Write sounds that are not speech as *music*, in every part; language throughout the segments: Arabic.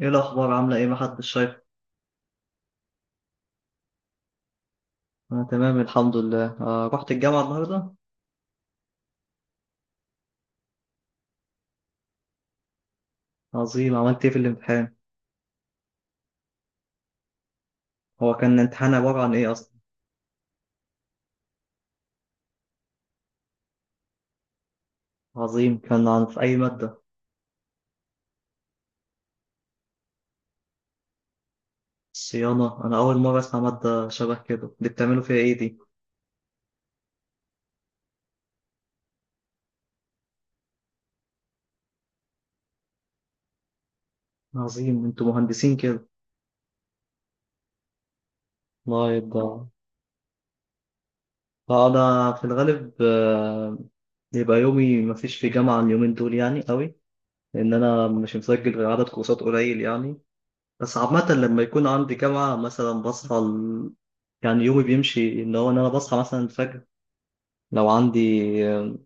ايه الاخبار؟ عامله ايه؟ محدش شايف. انا تمام الحمد لله. رحت الجامعه النهارده. عظيم. عملت ايه في الامتحان؟ هو كان الامتحان عباره عن ايه اصلا؟ عظيم. كان في اي ماده؟ صيانه. انا اول مره اسمع ماده شبه كده دي. بتعملوا فيها ايه دي؟ عظيم. انتوا مهندسين كده. الله يبقى. انا في الغالب، يبقى يومي، مفيش في جامعه اليومين دول يعني قوي، لان انا مش مسجل غير عدد كورسات قليل يعني. بس عامة لما يكون عندي جامعة مثلا بصحى يعني يومي بيمشي ان انا بصحى مثلا الفجر، لو عندي آه،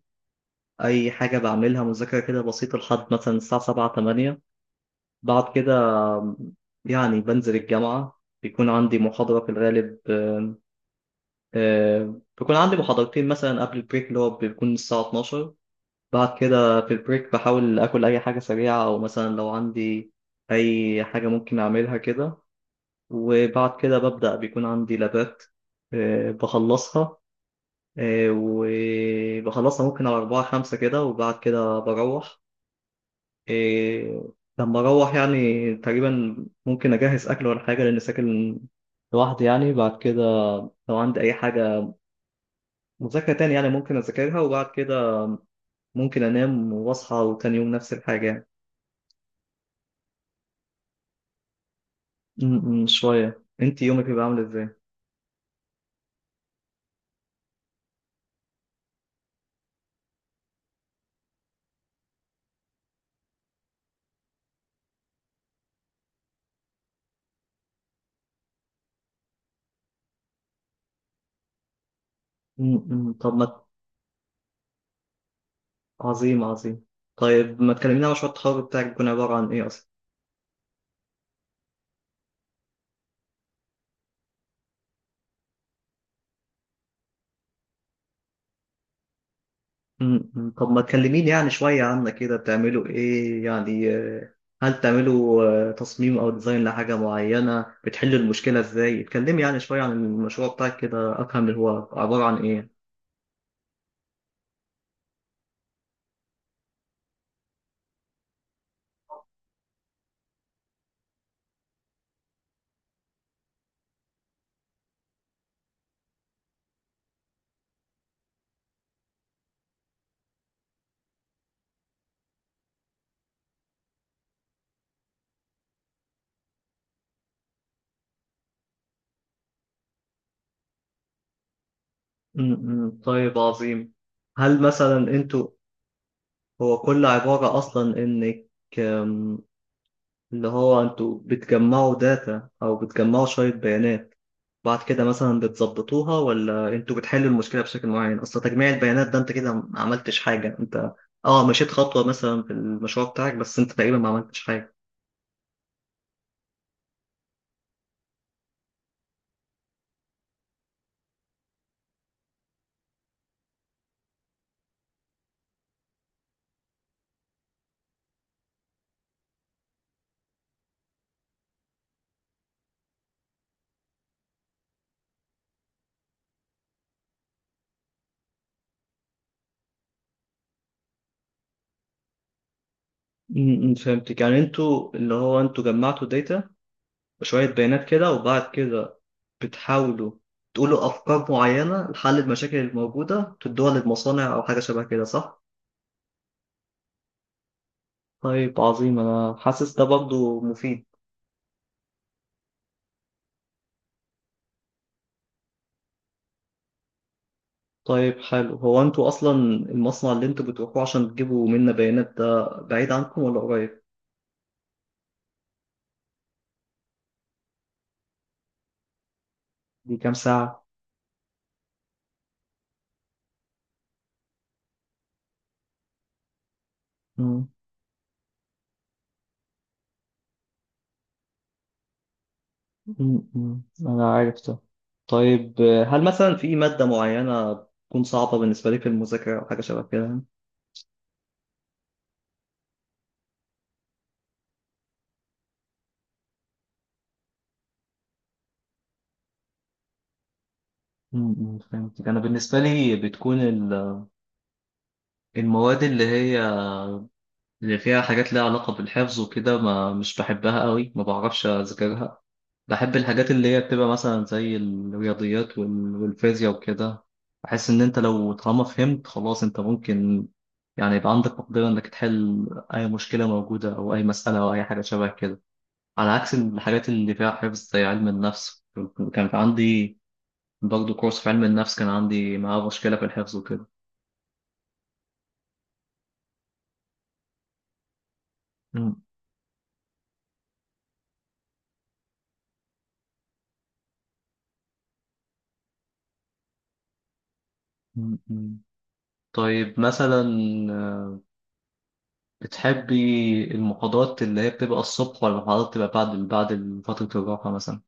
اي حاجة بعملها مذاكرة كده بسيطة لحد مثلا الساعة سبعة تمانية. بعد كده، يعني بنزل الجامعة، بيكون عندي محاضرة في الغالب. بيكون عندي محاضرتين مثلا قبل البريك اللي هو بيكون الساعة 12. بعد كده في البريك بحاول آكل أي حاجة سريعة، أو مثلا لو عندي أي حاجة ممكن أعملها كده. وبعد كده ببدأ، بيكون عندي لابات. بخلصها. وبخلصها ممكن على أربعة خمسة كده، وبعد كده بروح. آه، لما أروح يعني تقريبا، ممكن أجهز أكل ولا حاجة، لأن ساكن لوحدي يعني. بعد كده لو عندي أي حاجة مذاكرة تاني، يعني ممكن أذاكرها، وبعد كده ممكن أنام وأصحى وتاني يوم نفس الحاجة يعني. م- م، شوية. أنت يومك بيبقى عامل إزاي؟ م- م، طب ما. عظيم، عظيم. طيب ما تكلمينا عن مشروع التخرج بتاعك. بيكون عبارة عن إيه أصلا؟ م- م. طب ما تكلميني يعني شوية عنك كده. بتعملوا إيه يعني؟ هل بتعملوا تصميم أو ديزاين لحاجة معينة؟ بتحلوا المشكلة إزاي؟ اتكلمي يعني شوية عن المشروع بتاعك كده أفهم اللي هو عبارة عن إيه. م- م. طيب، عظيم. هل مثلا أنتوا هو كل عبارة أصلا إنك، آم، اللي هو أنتوا بتجمعوا داتا أو بتجمعوا شوية بيانات، بعد كده مثلا بتظبطوها، ولا انتوا بتحلوا المشكله بشكل معين؟ اصل تجميع البيانات ده انت كده ما عملتش حاجه انت. اه، مشيت خطوه مثلا في المشروع بتاعك، بس انت تقريبا ما عملتش حاجه. فهمتك. يعني انتوا اللي هو انتوا جمعتوا داتا وشويه بيانات كده، وبعد كده بتحاولوا تقولوا افكار معينه لحل المشاكل الموجوده، تدوها للمصانع او حاجه شبه كده، صح؟ طيب، عظيم. انا حاسس ده برضه مفيد. طيب، حلو. هو انتوا اصلا المصنع اللي انتوا بتروحوه عشان تجيبوا منا بيانات ده بعيد عنكم ولا قريب؟ دي كام ساعة؟ مم. مم. مم. انا عارف ده. طيب، هل مثلا في مادة معينة تكون صعبة بالنسبة لي في المذاكرة أو حاجة شبه كده؟ مم. مم. فهمتك. أنا بالنسبة لي بتكون المواد اللي هي اللي فيها حاجات ليها علاقة بالحفظ وكده، ما مش بحبها قوي، ما بعرفش أذاكرها. بحب الحاجات اللي هي بتبقى مثلا زي الرياضيات والفيزياء وكده. بحس ان انت لو طالما فهمت خلاص انت ممكن، يعني يبقى عندك مقدرة انك تحل اي مشكلة موجودة او اي مسألة او اي حاجة شبه كده، على عكس الحاجات اللي فيها حفظ زي علم النفس. كان في عندي برضه كورس في علم النفس، كان عندي معاه مشكلة في الحفظ وكده. مم. مم. مم. طيب، مثلا بتحبي المحاضرات اللي هي بتبقى الصبح ولا المحاضرات بتبقى بعد فترة الراحة مثلا؟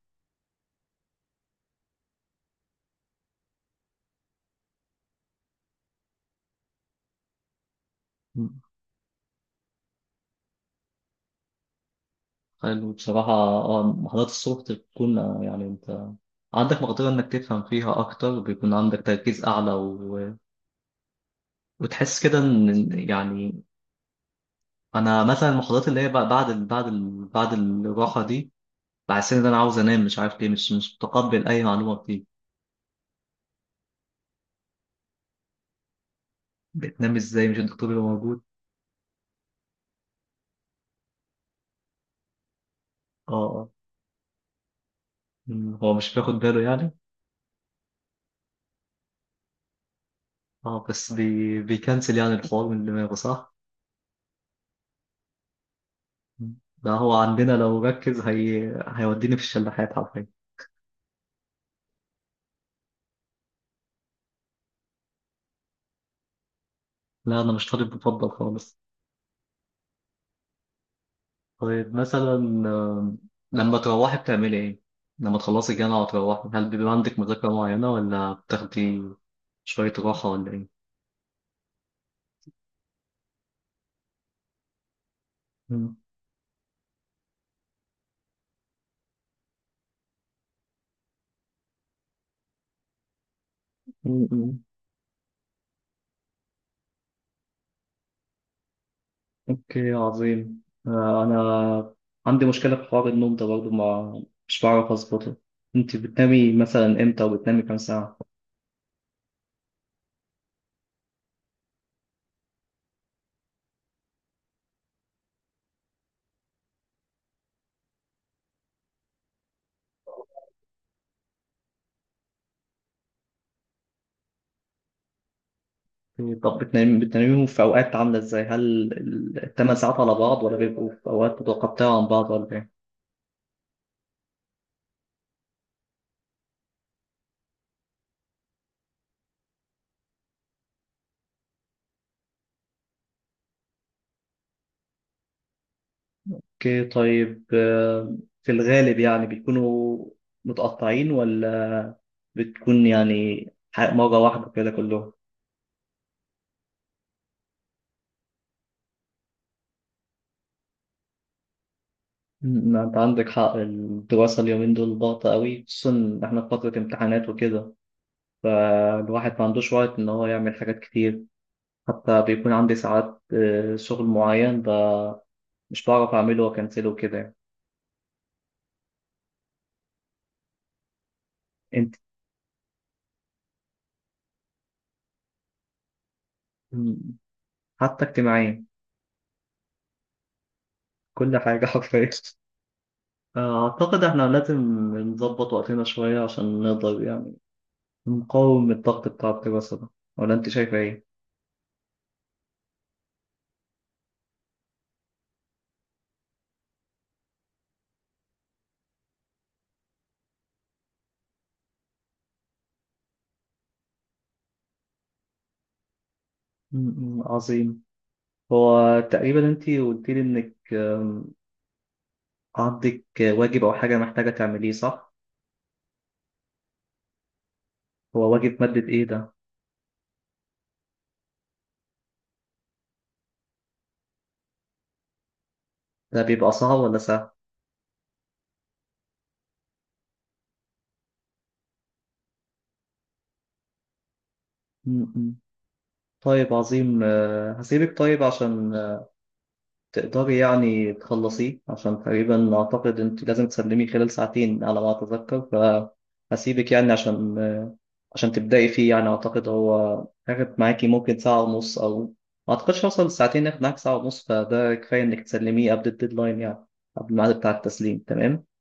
حلو، بصراحة. اه، محاضرات الصبح بتكون، يعني انت عندك مقدرة انك تفهم فيها اكتر، بيكون عندك تركيز اعلى، وتحس كده ان يعني انا مثلا المحاضرات اللي هي بقى بعد الراحة دي، بحس ان انا عاوز انام، مش عارف ليه، مش متقبل اي معلومة بتيجي. بتنام ازاي؟ مش الدكتور اللي موجود؟ اه. آه. مم، هو مش بياخد باله يعني؟ اه، بس بيكنسل يعني الحوار من دماغه، صح؟ مم. ده هو عندنا لو ركز هيوديني في الشلاحات حرفيا. لا، انا مش طالب مفضل خالص. طيب، مثلا لما تروحي بتعملي ايه؟ لما تخلصي الجامعه وتروحي، هل بيبقى عندك مذاكره معينه، ولا بتاخدي شويه راحه، ولا ايه؟ مم. مم. مم. اوكي، عظيم. انا عندي مشكله في حوار النوم ده برضه، ما مش بعرف اظبطه. انت بتنامي مثلا امتى؟ وبتنامي كام ساعه؟ أوكي، طب بتناميهم في اوقات عامله ازاي؟ هل الثمان ساعات على بعض، ولا بيبقوا في اوقات متقطعه عن بعض، ولا إيه؟ اوكي، طيب. في الغالب يعني بيكونوا متقطعين، ولا بتكون يعني مرة واحدة كده كلهم؟ انت عندك حق. الدراسة اليومين دول ضغطة قوي، خصوصا إن احنا في فترة امتحانات وكده، فالواحد ما عندوش وقت ان هو يعمل حاجات كتير. حتى بيكون عندي ساعات، شغل معين مش بعرف اعمله، واكنسله وكده يعني. انت م- حتى اجتماعيا. كل حاجة *laughs* حرفيا. اعتقد احنا لازم نظبط وقتنا شوية عشان نقدر يعني مقاوم الضغط بتاع الدراسة ده، ولا أنت شايفة إيه؟ م- م، عظيم. هو تقريبا أنت قلت لي إنك، عندك واجب أو حاجة محتاجة تعمليه، صح؟ هو واجب مادة إيه ده؟ ده بيبقى صعب ولا سهل؟ م- م. طيب، عظيم. هسيبك طيب عشان تقدري يعني تخلصيه، عشان تقريبا أعتقد أنت لازم تسلميه خلال ساعتين، على ما أتذكر. فهسيبك يعني عشان تبدأي فيه يعني، أعتقد هو هياخد معاكي ممكن ساعة ونص، أو ما أعتقدش هيوصل لساعتين، ياخد معاك ساعة ونص، فده كفاية إنك تسلميه قبل الديدلاين يعني قبل الميعاد بتاع التسليم. تمام.